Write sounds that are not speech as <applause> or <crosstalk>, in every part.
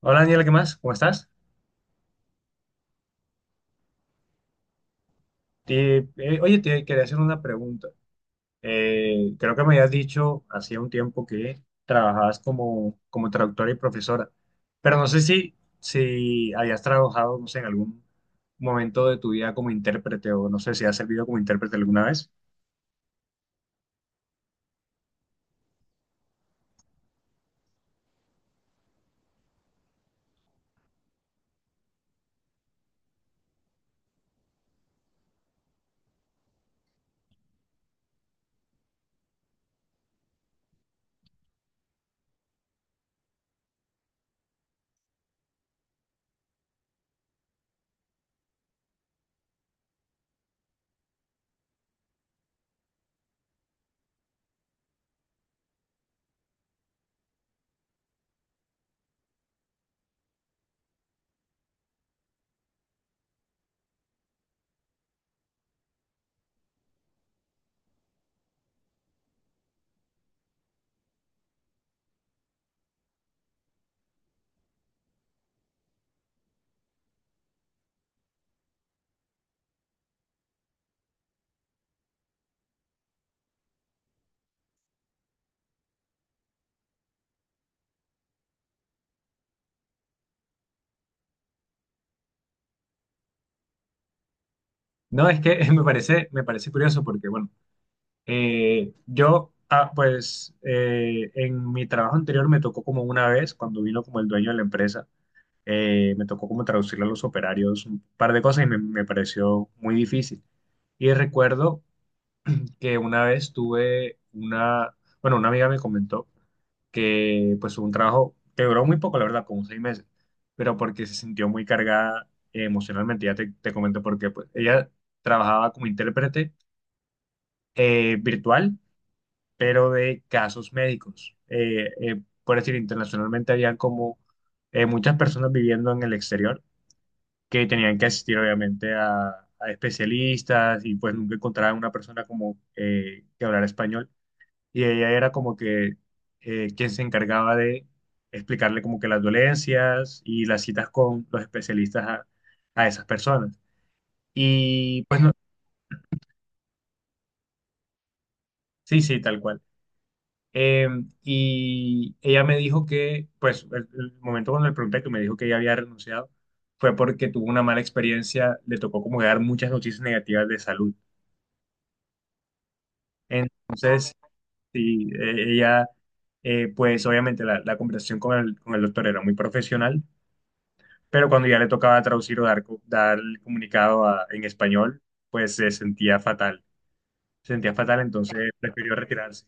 Hola Daniela, ¿qué más? ¿Cómo estás? Oye, te quería hacer una pregunta. Creo que me habías dicho hacía un tiempo que trabajabas como traductora y profesora, pero no sé si habías trabajado, no sé, en algún momento de tu vida como intérprete, o no sé si has servido como intérprete alguna vez. No, es que <laughs> me parece curioso porque, bueno, yo, ah, pues, en mi trabajo anterior me tocó como una vez cuando vino como el dueño de la empresa me tocó como traducirle a los operarios un par de cosas y me pareció muy difícil. Y recuerdo que una vez tuve una, bueno, una amiga me comentó que pues un trabajo que duró muy poco, la verdad, como seis meses, pero porque se sintió muy cargada emocionalmente. Ya te comento por qué. Pues ella trabajaba como intérprete virtual, pero de casos médicos. Por decir, internacionalmente había como muchas personas viviendo en el exterior que tenían que asistir obviamente a especialistas, y pues nunca encontraban una persona como que hablara español. Y ella era como que quien se encargaba de explicarle como que las dolencias y las citas con los especialistas a esas personas. Y pues no, sí, sí, tal cual. Eh, y ella me dijo que, pues el momento cuando le pregunté, que me dijo que ella había renunciado, fue porque tuvo una mala experiencia, le tocó como que dar muchas noticias negativas de salud. Entonces, sí, ella, pues obviamente la, la conversación con el doctor era muy profesional, pero cuando ya le tocaba traducir o dar, dar el comunicado en español, pues se sentía fatal, entonces prefirió retirarse.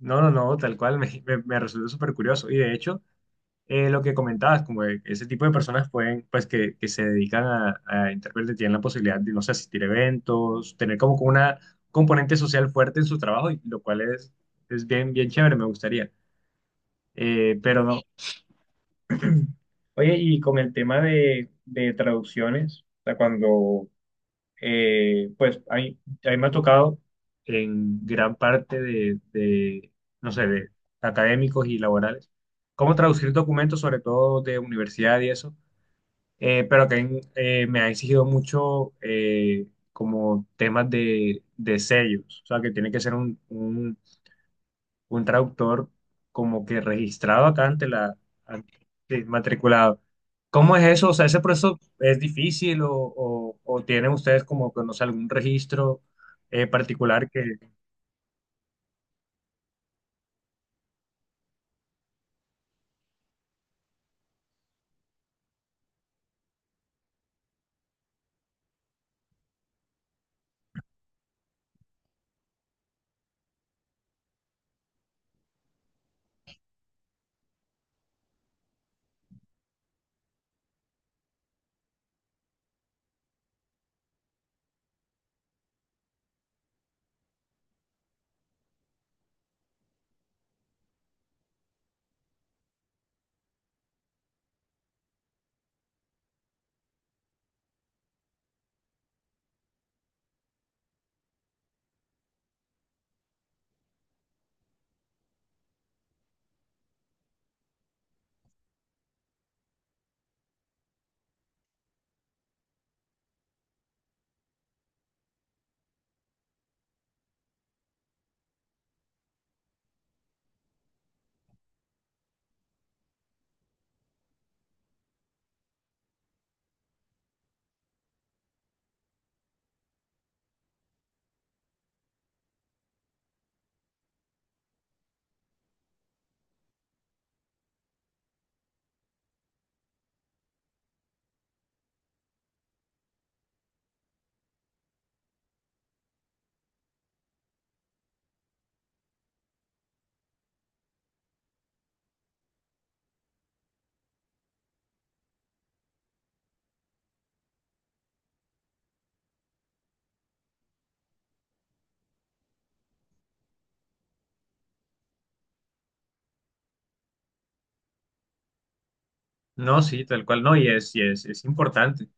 No, no, no, tal cual, me resultó súper curioso. Y de hecho, lo que comentabas, como de ese tipo de personas pueden, pues que se dedican a intérpretes, tienen la posibilidad de, no sé, asistir a eventos, tener como que una componente social fuerte en su trabajo, y lo cual es bien, bien chévere, me gustaría. Pero no. Oye, y con el tema de traducciones, o sea, cuando, pues, a mí me ha tocado en gran parte de, no sé, de académicos y laborales, cómo traducir documentos, sobre todo de universidad y eso, pero que me ha exigido mucho como temas de sellos, o sea, que tiene que ser un traductor como que registrado acá ante la, ante- sí, matriculado. ¿Cómo es eso? O sea, ¿ese proceso es difícil o tienen ustedes como que, no sé, algún registro particular que... No, sí, tal cual no, y es importante,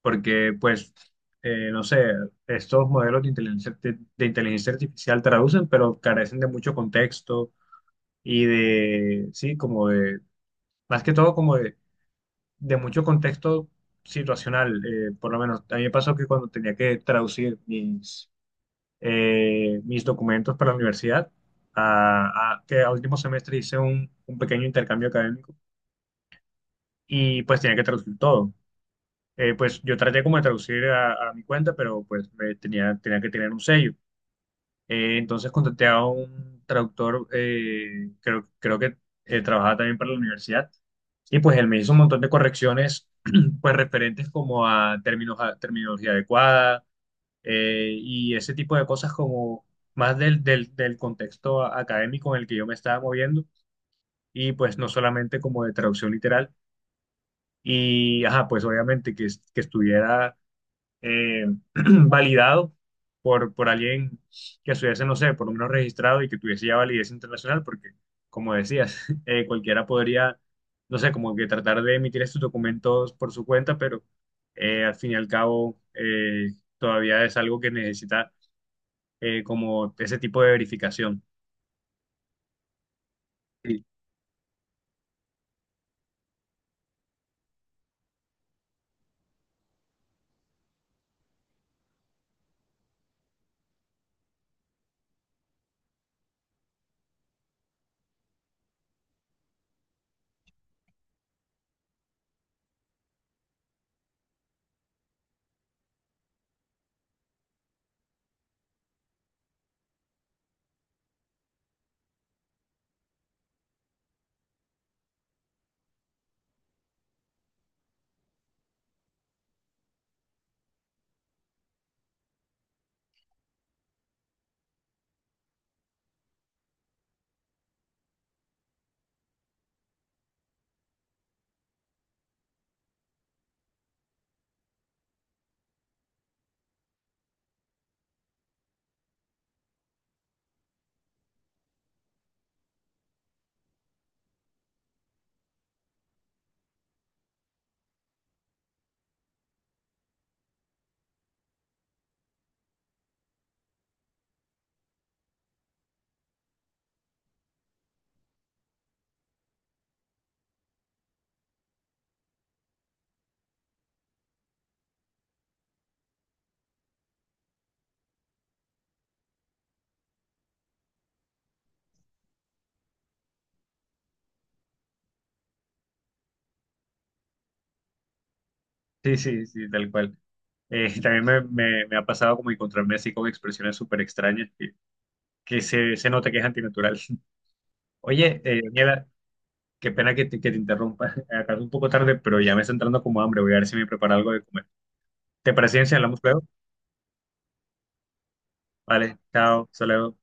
porque pues, no sé, estos modelos de inteligencia artificial traducen, pero carecen de mucho contexto y de, sí, como de, más que todo como de mucho contexto situacional. Por lo menos a mí me pasó que cuando tenía que traducir mis, mis documentos para la universidad, a, que al último semestre hice un pequeño intercambio académico y pues tenía que traducir todo. Pues yo traté como de traducir a mi cuenta, pero pues me tenía, tenía que tener un sello. Entonces contacté a un traductor, creo, creo que trabajaba también para la universidad, y pues él me hizo un montón de correcciones, <clears throat> pues referentes como a términos, a terminología adecuada, y ese tipo de cosas como más del, del, del contexto académico en el que yo me estaba moviendo, y pues no solamente como de traducción literal, y ajá, pues obviamente que, que estuviera eh, <clears throat> validado por alguien que estuviese, no sé, por lo menos registrado y que tuviese ya validez internacional, porque, como decías, <laughs> cualquiera podría, no sé, como que tratar de emitir estos documentos por su cuenta, pero al fin y al cabo todavía es algo que necesita como ese tipo de verificación. Sí, sí, sí, sí, tal cual. <laughs> También me, me ha pasado como encontrarme así con expresiones súper extrañas que se nota que es antinatural. <laughs> Oye, Daniela, qué pena que te interrumpa. <laughs> Acá es un poco tarde, pero ya me está entrando como hambre. Voy a ver si me preparo algo de comer. ¿Te parece bien si hablamos luego? Vale, chao, hasta luego.